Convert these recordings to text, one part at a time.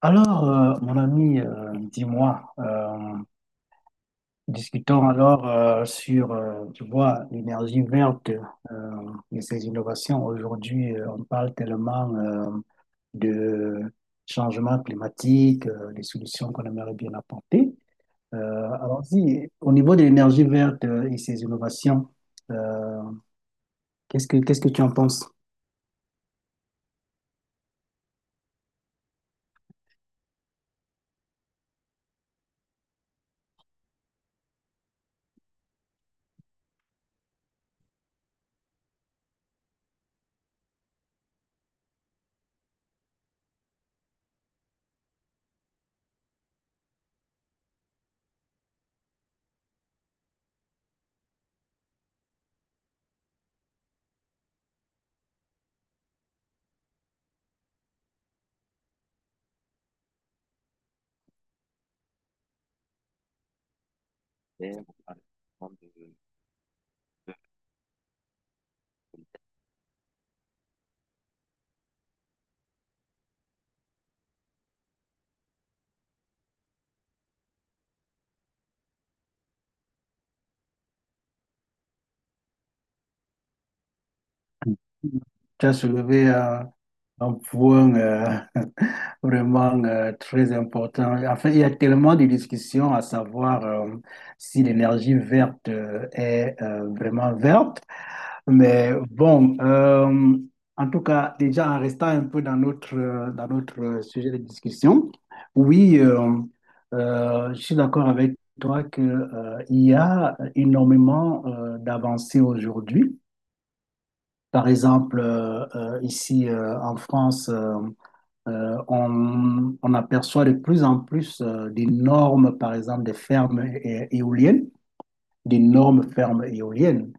Alors, mon ami, dis-moi, discutons sur, tu vois, l'énergie verte et ses innovations. Aujourd'hui, on parle tellement de changement climatique, des solutions qu'on aimerait bien apporter. Alors, si, au niveau de l'énergie verte et ses innovations, euh, qu'est-ce que tu en penses? Tu as soulevé un point. Vraiment très important. En fait, il y a tellement de discussions à savoir si l'énergie verte est vraiment verte. Mais bon, en tout cas, déjà en restant un peu dans notre sujet de discussion, oui, je suis d'accord avec toi que, il y a énormément d'avancées aujourd'hui. Par exemple, ici en France, on aperçoit de plus en plus des normes, par exemple, des fermes éoliennes, des normes fermes éoliennes.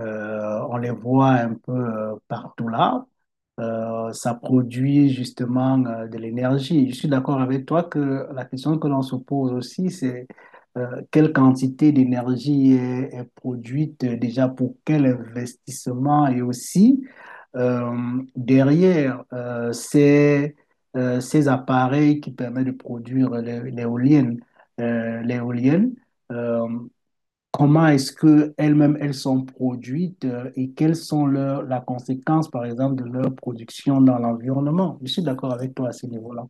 On les voit un peu partout là. Ça produit justement de l'énergie. Je suis d'accord avec toi que la question que l'on se pose aussi, c'est quelle quantité d'énergie est produite déjà pour quel investissement et aussi derrière ces appareils qui permettent de produire l'éolienne. Euh, l'éolienne, euh, Comment est-ce que elles-mêmes elles sont produites et quelles sont leurs la conséquence par exemple de leur production dans l'environnement? Je suis d'accord avec toi à ce niveau-là.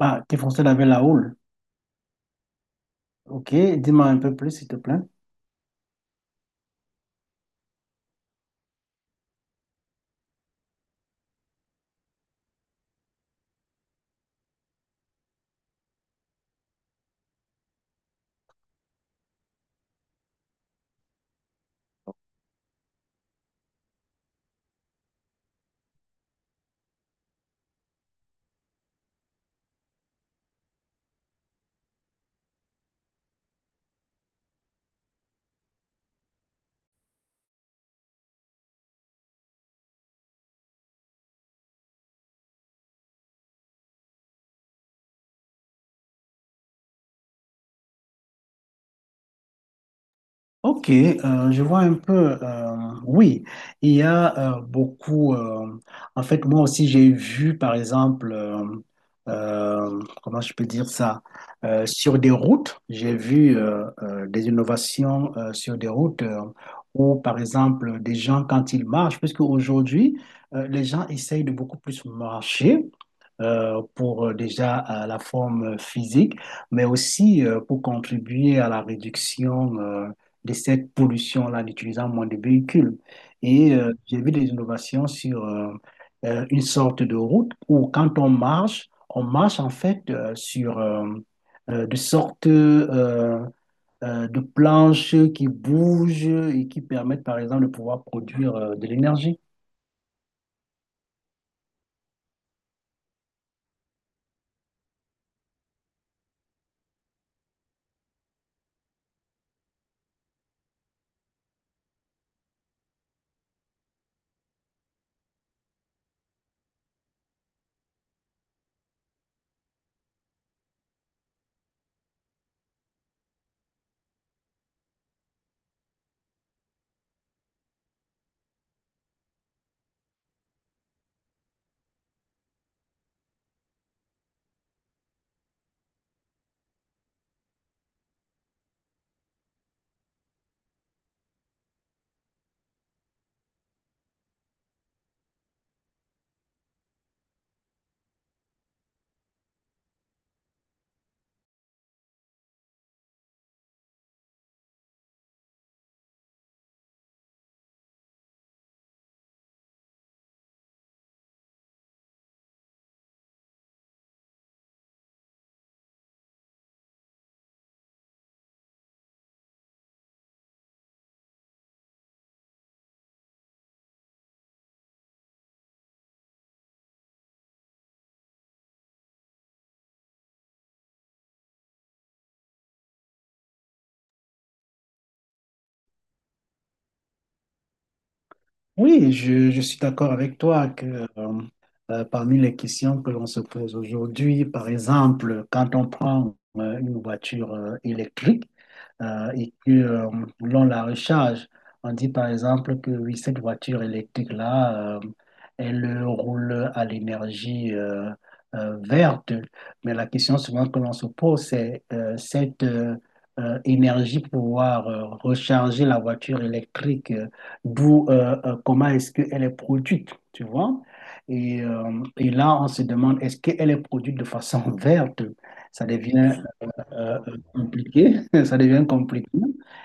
Ah, t'es foncé avec la houle. Ok, dis-moi un peu plus s'il te plaît. Ok, je vois un peu. Oui, il y a beaucoup. En fait, moi aussi, j'ai vu, par exemple, comment je peux dire ça. Sur des routes, j'ai vu des innovations sur des routes où, par exemple, des gens, quand ils marchent, puisque aujourd'hui, les gens essayent de beaucoup plus marcher. Pour déjà la forme physique, mais aussi pour contribuer à la réduction de cette pollution-là, en utilisant moins de véhicules. Et j'ai vu des innovations sur une sorte de route où quand on marche en fait sur de sortes de planches qui bougent et qui permettent par exemple de pouvoir produire de l'énergie. Oui, je suis d'accord avec toi que euh, parmi les questions que l'on se pose aujourd'hui, par exemple, quand on prend une voiture électrique et que l'on la recharge, on dit par exemple que oui, cette voiture électrique-là, elle roule à l'énergie verte. Mais la question souvent que l'on se pose, c'est cette énergie pour pouvoir recharger la voiture électrique. D'où comment est-ce qu'elle est produite, tu vois. Et là, on se demande, est-ce qu'elle est produite de façon verte? Ça devient compliqué, ça devient compliqué.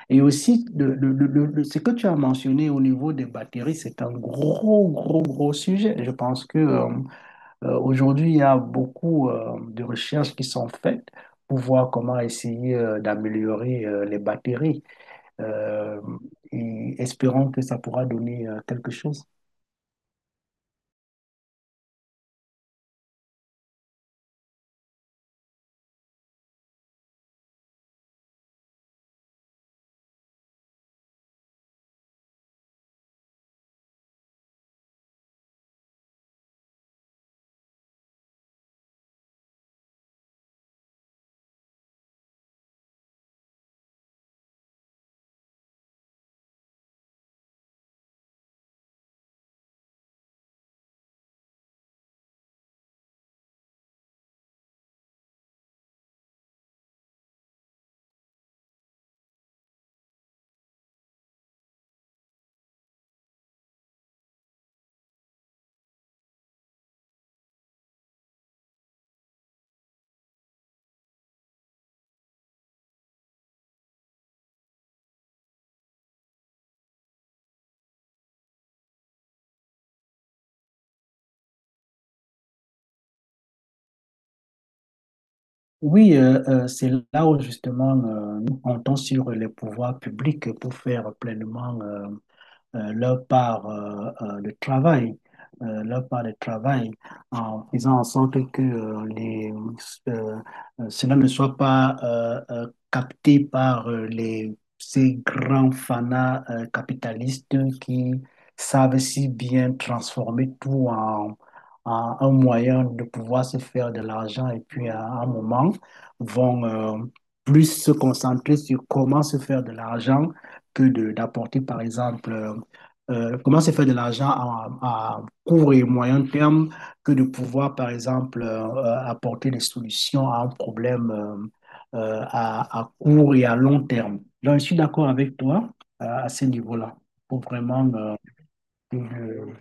Et aussi, ce que tu as mentionné au niveau des batteries, c'est un gros, gros, gros sujet. Je pense que aujourd'hui, il y a beaucoup de recherches qui sont faites pour voir comment essayer d'améliorer les batteries euh, et espérons que ça pourra donner quelque chose. Oui, c'est là où justement nous comptons sur les pouvoirs publics pour faire pleinement leur part de travail, leur part de travail, en faisant en sorte que euh, cela ne soit pas capté par les, ces grands fanas capitalistes qui savent si bien transformer tout en, en, un moyen de pouvoir se faire de l'argent et puis à un moment vont plus se concentrer sur comment se faire de l'argent que de d'apporter par exemple comment se faire de l'argent à court et moyen terme que de pouvoir, par exemple, apporter des solutions à un problème à court et à long terme. Donc, je suis d'accord avec toi à ce niveau-là. Faut vraiment. Que-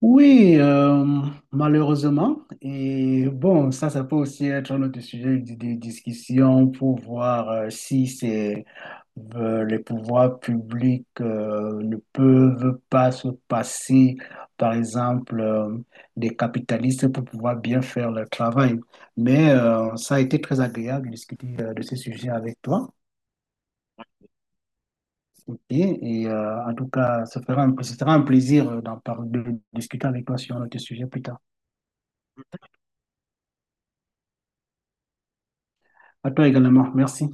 Oui, malheureusement. Et bon, ça peut aussi être un autre sujet de discussion pour voir si c'est. Les pouvoirs publics ne peuvent pas se passer, par exemple, des capitalistes pour pouvoir bien faire leur travail. Mais ça a été très agréable de discuter de ces sujets avec toi. Ok. Et en tout cas, ça fera ce sera un plaisir d'en parler, de discuter avec toi sur notre sujet plus tard. À toi également. Merci.